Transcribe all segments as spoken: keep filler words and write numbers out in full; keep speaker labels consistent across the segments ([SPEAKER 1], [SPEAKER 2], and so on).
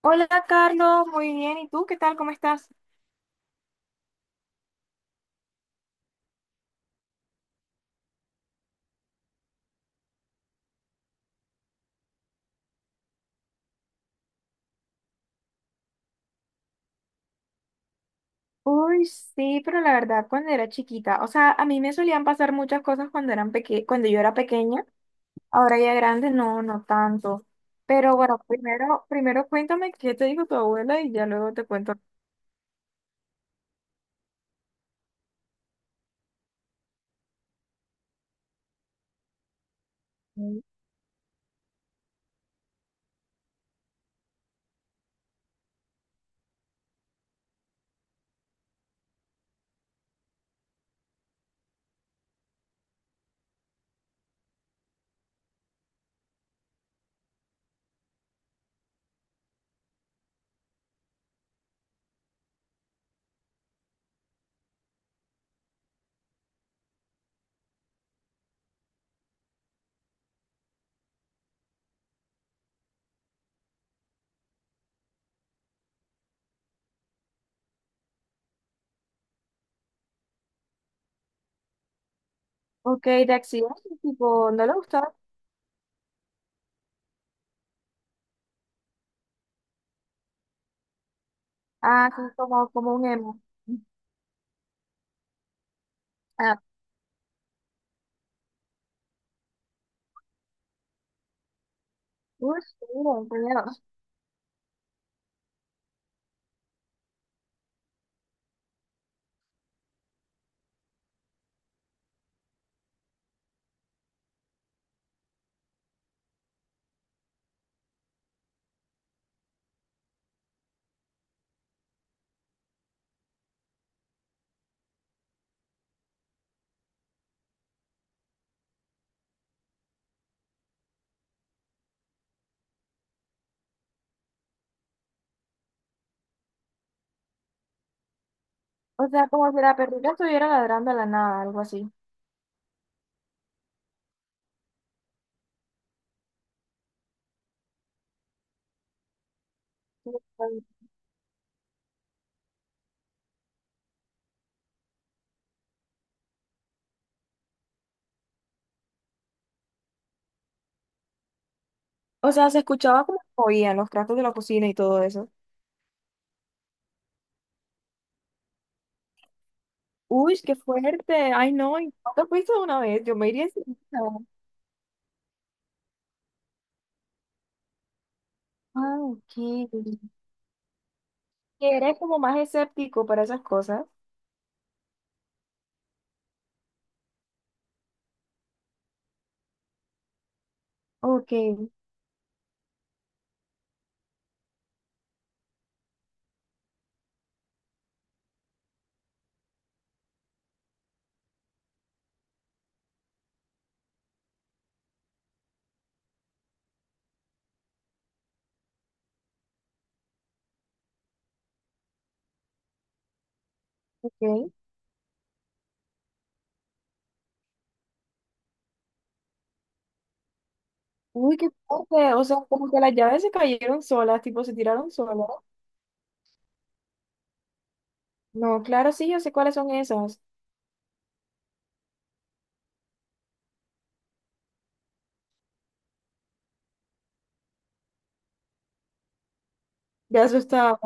[SPEAKER 1] Hola Carlos, muy bien. ¿Y tú qué tal? ¿Cómo estás? Uy, sí, pero la verdad, cuando era chiquita, o sea, a mí me solían pasar muchas cosas cuando eran peque cuando yo era pequeña. Ahora ya grande, no, no tanto. Pero bueno, primero, primero cuéntame qué te dijo tu abuela y ya luego te cuento. Mm. Ok, de accidente, tipo, no le gustaba. Ah, sí, como, como un emo. Ah, uy, sí, no, qué. O sea, como si la perrita estuviera ladrando a la nada, algo así. O sea, se escuchaba como oían los tratos de la cocina y todo eso. Uy, qué fuerte. Ay, no, ¿y no te fuiste de una vez? Yo me iría enseguida. Ah, ok. Que eres como más escéptico para esas cosas. Ok, ok. Uy, qué fuerte. O sea, como que las llaves se cayeron solas, tipo se tiraron solas. No, claro, sí, yo sé cuáles son esas. Ya asustaba.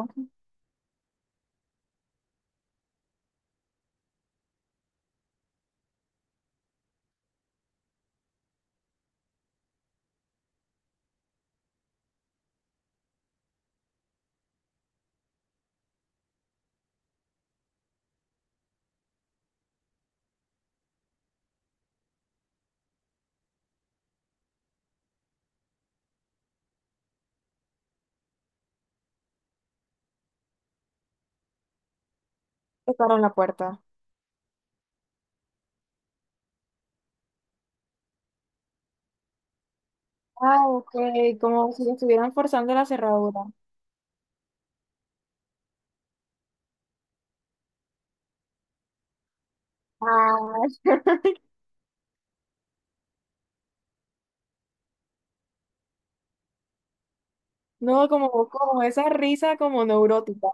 [SPEAKER 1] Tocaron la puerta. Ah, ok, como si estuvieran forzando la cerradura. Ah, no, como, como esa risa como neurótica.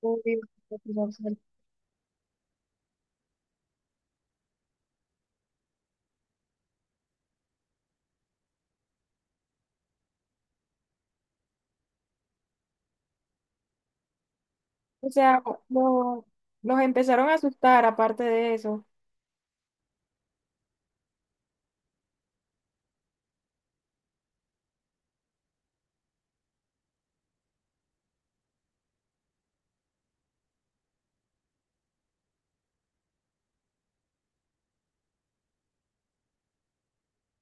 [SPEAKER 1] Uy, no sé. O sea, lo- los empezaron a asustar aparte de eso.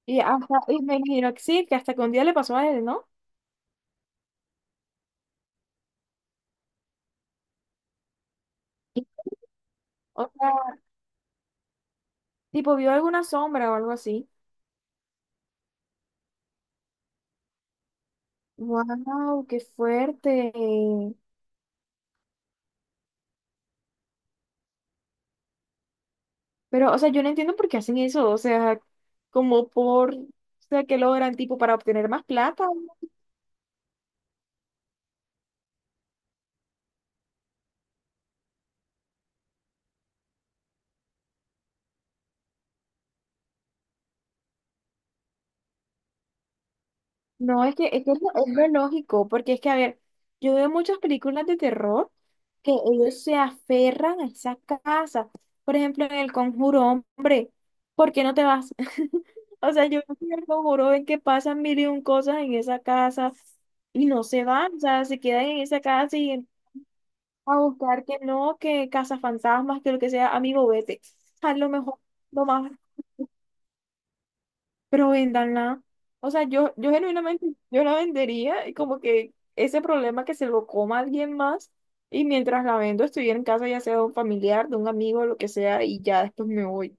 [SPEAKER 1] Y hasta, y me imagino que sí, que hasta que un día le pasó a él, ¿no? O sea, tipo vio alguna sombra o algo así. Wow, qué fuerte. Pero, o sea, yo no entiendo por qué hacen eso. O sea, como por, o sea, que logran tipo para obtener más plata. No, es que, es que es lo, es lo lógico, porque es que, a ver, yo veo muchas películas de terror que ellos se aferran a esa casa. Por ejemplo, en El Conjuro, hombre, ¿por qué no te vas? O sea, yo veo que en El Conjuro ven que pasan mil y un cosas en esa casa y no se van, o sea, se quedan en esa casa y en- a buscar que no, que cazafantasmas, que lo que sea, amigo, vete. A lo mejor, lo más. Pero véndanla. O sea, yo, yo genuinamente, yo la vendería y como que ese problema que se lo coma alguien más y mientras la vendo estuviera en casa ya sea de un familiar, de un amigo, lo que sea, y ya después me voy.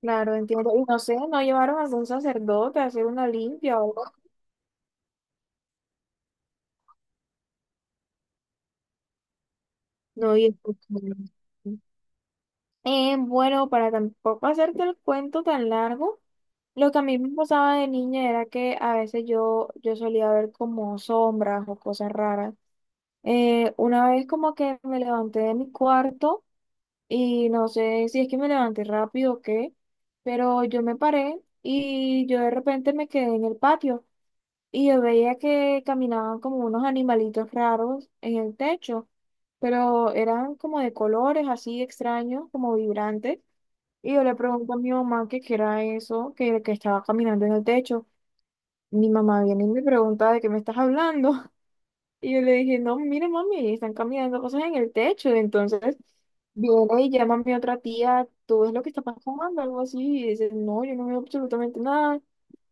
[SPEAKER 1] Claro, entiendo. Y no sé, no llevaron a algún sacerdote a hacer una limpia o algo. No, y esto- Eh, bueno, para tampoco hacerte el cuento tan largo, lo que a mí me pasaba de niña era que a veces yo, yo solía ver como sombras o cosas raras. Eh, una vez como que me levanté de mi cuarto y no sé si es que me levanté rápido o qué, pero yo me paré y yo de repente me quedé en el patio y yo veía que caminaban como unos animalitos raros en el techo, pero eran como de colores así extraños, como vibrantes. Y yo le pregunto a mi mamá que qué era eso, que, que estaba caminando en el techo. Mi mamá viene y me pregunta de qué me estás hablando. Y yo le dije, no, mire, mami, están cambiando cosas en el techo. Entonces, viene y llama a mi otra tía, ¿tú ves lo que está pasando? Algo así. Y dice, no, yo no veo absolutamente nada.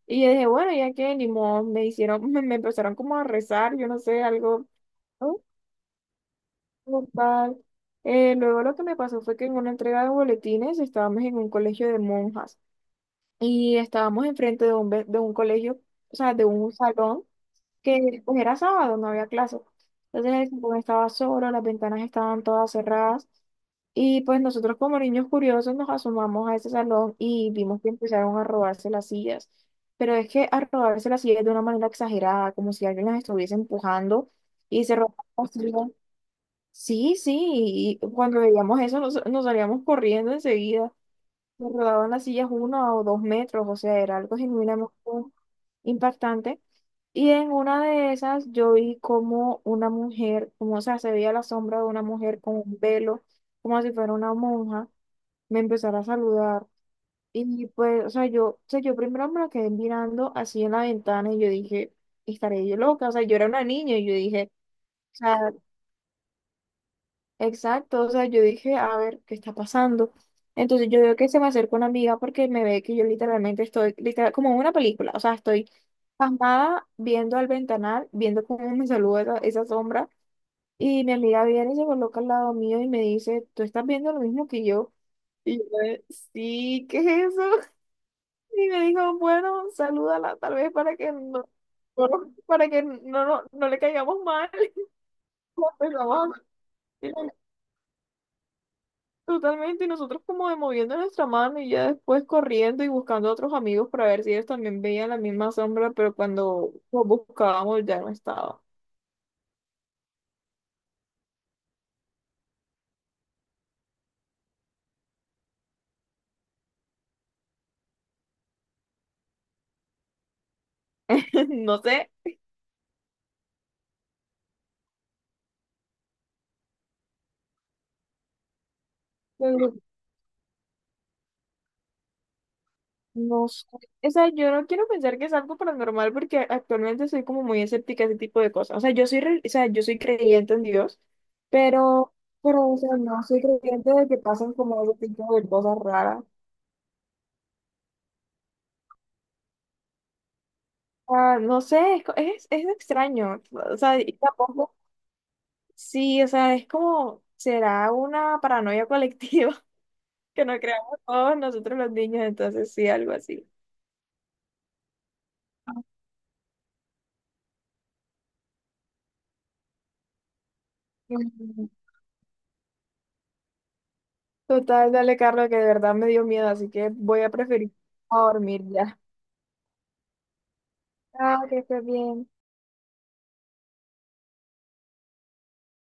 [SPEAKER 1] Y yo dije, bueno, ya que ni modo, me hicieron, me, me empezaron como a rezar, yo no sé, algo, ¿no? Como tal. Eh, luego lo que me pasó fue que en una entrega de boletines estábamos en un colegio de monjas y estábamos enfrente de un, ve- de un colegio, o sea, de un salón que pues era sábado, no había clases. Entonces el salón estaba solo, las ventanas estaban todas cerradas y pues nosotros como niños curiosos nos asomamos a ese salón y vimos que empezaron a robarse las sillas. Pero es que a robarse las sillas de una manera exagerada, como si alguien las estuviese empujando y se robaban las sillas. Sí, sí, y cuando veíamos eso nos, nos salíamos corriendo enseguida. Me rodaban las sillas uno o dos metros, o sea, era algo genuinamente impactante. Y en una de esas yo vi como una mujer, como, o sea, se veía la sombra de una mujer con un velo, como si fuera una monja, me empezara a saludar. Y pues, o sea, yo, o sea, yo primero me la quedé mirando así en la ventana y yo dije, estaré yo loca, o sea, yo era una niña y yo dije, o sea. Exacto, o sea, yo dije, a ver, ¿qué está pasando? Entonces yo veo que se me acerca una amiga porque me ve que yo literalmente estoy, literal, como en una película, o sea, estoy pasmada viendo al ventanal, viendo cómo me saluda esa, esa sombra, y mi amiga viene y se coloca al lado mío y me dice, ¿tú estás viendo lo mismo que yo? Y yo, eh, sí, ¿qué es eso? Y me dijo, bueno, salúdala tal vez para que no, no- para que no, no, no le caigamos mal. Empezamos a- Totalmente, y nosotros como de moviendo nuestra mano y ya después corriendo y buscando a otros amigos para ver si ellos también veían la misma sombra, pero cuando los buscábamos ya no estaba. No sé, pero no sé. O sea, yo no quiero pensar que es algo paranormal porque actualmente soy como muy escéptica a ese tipo de cosas. O sea, yo soy, re- o sea, yo soy creyente en Dios, pero, pero, o sea, no soy creyente de que pasan como ese tipo de cosas raras. Ah, no sé, es, co- es, es extraño. O sea, y tampoco. Sí, o sea, es como, será una paranoia colectiva que nos creamos todos nosotros los niños, entonces sí, algo así. Mm. Total, dale, Carlos, que de verdad me dio miedo, así que voy a preferir a dormir ya. Ah, que estés bien.